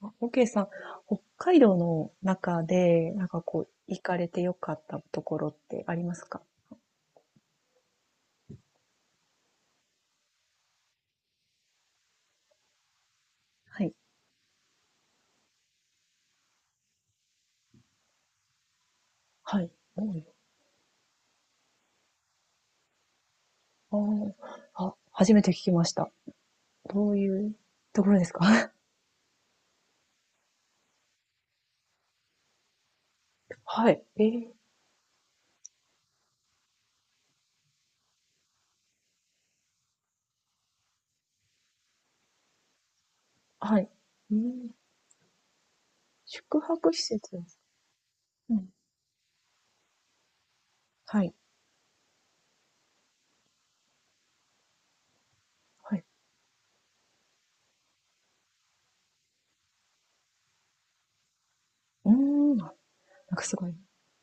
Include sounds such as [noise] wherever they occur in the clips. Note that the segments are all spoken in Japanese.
あ、OK さん、北海道の中で、なんかこう、行かれてよかったところってありますか？はい。はい。おー。あーあ、初めて聞きました。どういうところですか？ [laughs] はい。はい。うん、宿泊施設です。うん。はい。はい。うーん。あ、なんかすごい、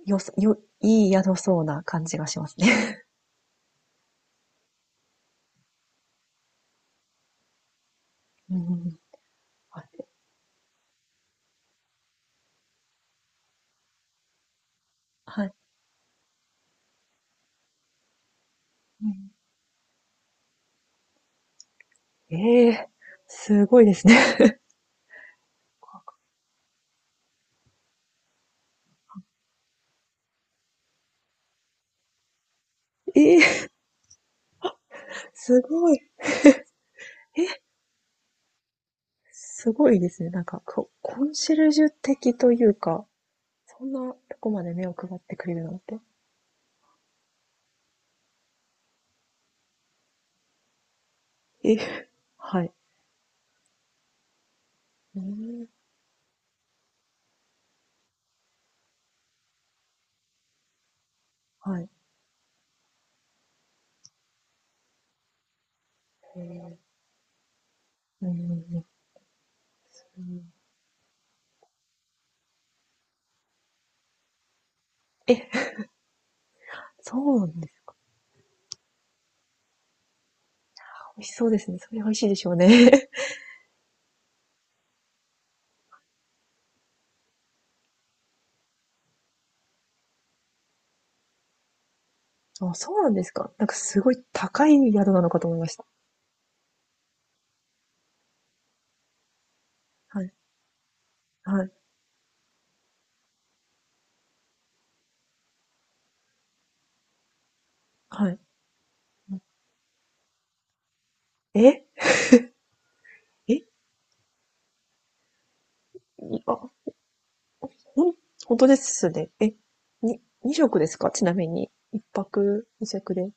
よそ、よ、いい宿そうな感じがしますね。[laughs] うん。はい。はい。うん、えー、すごいですね。[laughs] ええー、すごい。すごいですね。なんか、コンシェルジュ的というか、そんなとこまで目を配ってくれるなんて。え、[laughs] はい。うん。はい。えんうん。え、そうなんですか。美味しそうですね。それ美味しいでしょうね。[laughs] あ、そうなんですか。なんかすごい高い宿なのかと思いました。はい。はい。はい。ええ。いあ、ほん、本当ですね。え、2食ですか、ちなみに。1泊2食で。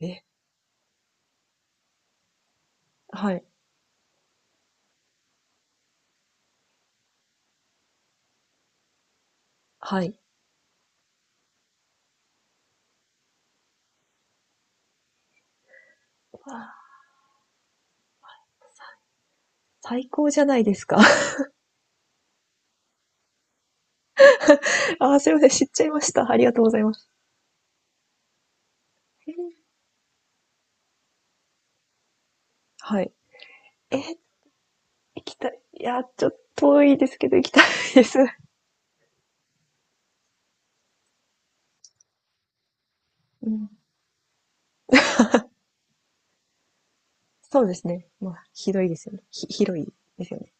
え、はい。はい。わあ、最高じゃないですか。[laughs] あ、すいません。知っちゃいました。ありがとうございます。はい。え、行きたい。いや、ちょっと遠いですけど、行きたいです。[laughs] うん、そうですね。まあ、ひどいですよね。広いですよね。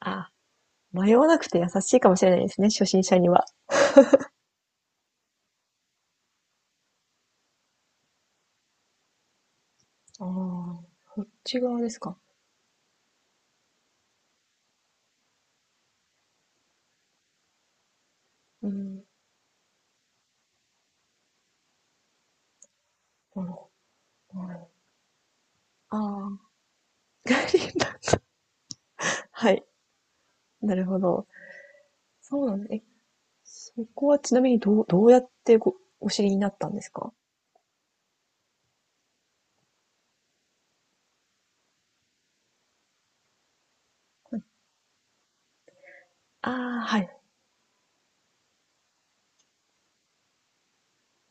ああ、迷わなくて優しいかもしれないですね。初心者には。ああ、こっち側ですか。うん。なるほど。ああ。[laughs] はい。なるほど。そうなんです。え、そこはちなみにどうやってお知りになったんですか？ああ、はい。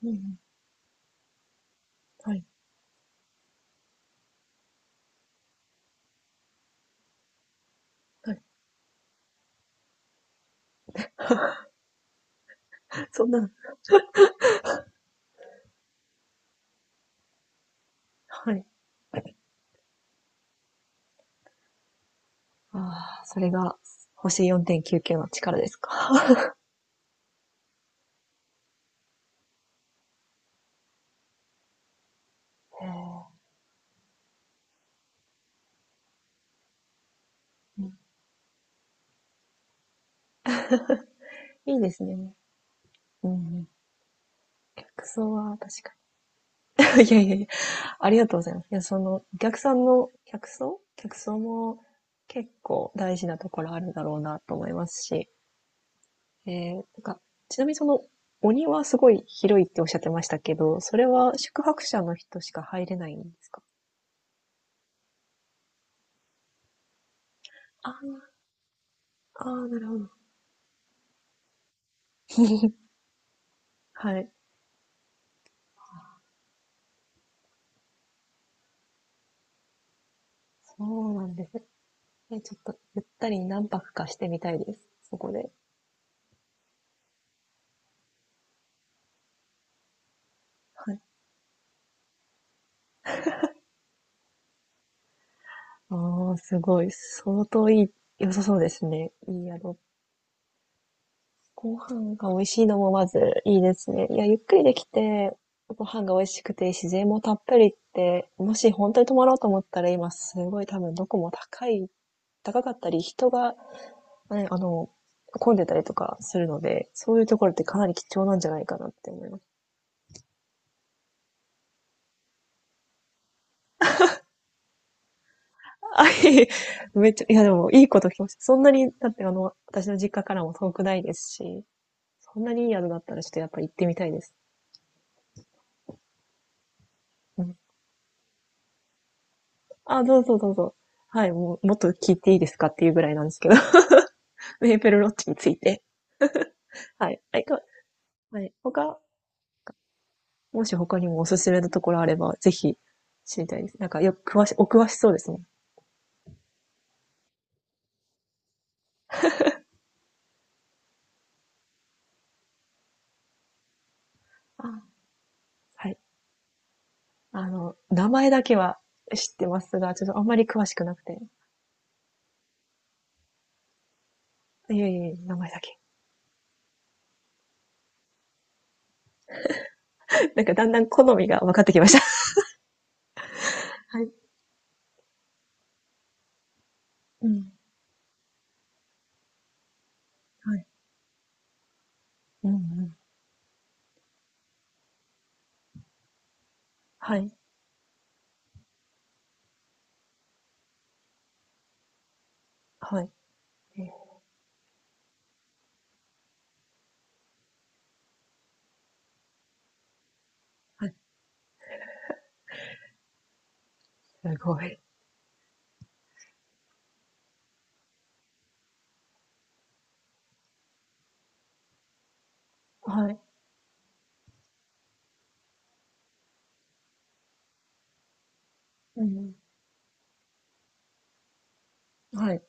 うんうん。はい。はい。[laughs] そんな、はい。ああ、それが星4.99の力ですか。[laughs] へえ、うん、いいですね。うんうん。客層は確かに。[laughs] いやいやいや、ありがとうございます。いや、その、お客さんの客層も結構大事なところあるだろうなと思いますし、なんか、ちなみにその、鬼はすごい広いっておっしゃってましたけど、それは宿泊者の人しか入れないんですか？あー。あー、なるほど。はい。そうなんです。え、ちょっとゆったり何泊かしてみたいです。そこで。はい。ああ、すごい。相当いい、良さそうですね。いい宿。ご飯が美味しいのもまずいいですね。いや、ゆっくりできて、ご飯が美味しくて自然もたっぷりって、もし本当に泊まろうと思ったら今すごい多分どこも高い、高かったり、人が、ね、あの、混んでたりとかするので、そういうところってかなり貴重なんじゃないかなって思います。[laughs] あ、いい、めっちゃ、いやでも、いいこと聞きました。そんなに、だってあの、私の実家からも遠くないですし、そんなにいい宿だったらちょっとやっぱ行ってみたいです。うん。あ、どうぞどうぞ。はい、もう、もっと聞いていいですかっていうぐらいなんですけど、[laughs] メーペルロッジについて。はい。はい、か、はい。他、もし他にもおすすめのところあれば、ぜひ知りたいです。なんか、よく詳し、お詳しそうですね。あ、はい。あの、名前だけは知ってますが、ちょっとあんまり詳しくなくて。いえいえ、名前だけ。[laughs] なんかだんだん好みが分かってきました。はい。うん、はい。うんうん。はい、はい。えはい。すごい。はい。うんうん。はい。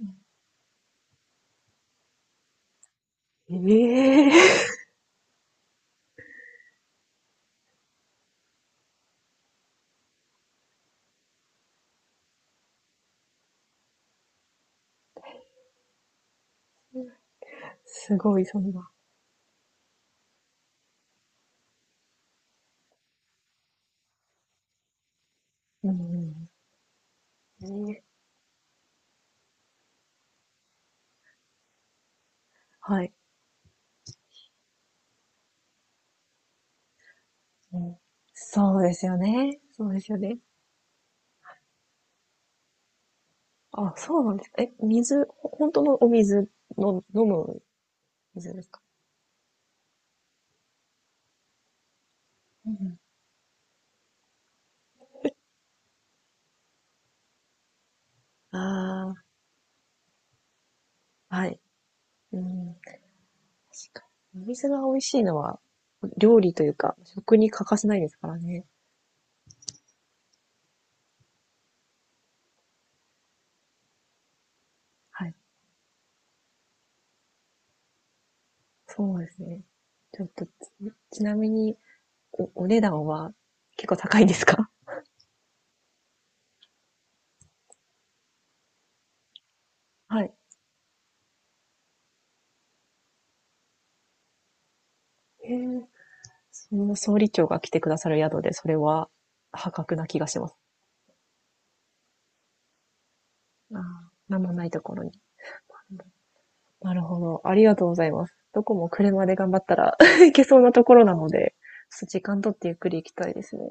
うん。ええー、[laughs] すごい、そんな。うんうん。ええ。はい。うん。そうですよね。そうですよね。あ、そうなんですか。え、水、本当のお水の、飲む水ですか？うんうん。ああ、はい。うん、確かに。お水が美味しいのは、料理というか、食に欠かせないですからね。はい。そうですね。ちょっと、ちなみに、お値段は結構高いんですか？ [laughs] はい。へえ。その総理長が来てくださる宿で、それは破格な気がします。ああ、なんもないところに。なるほど。ありがとうございます。どこも車で頑張ったら [laughs] 行けそうなところなので、ちょっと時間取ってゆっくり行きたいですね。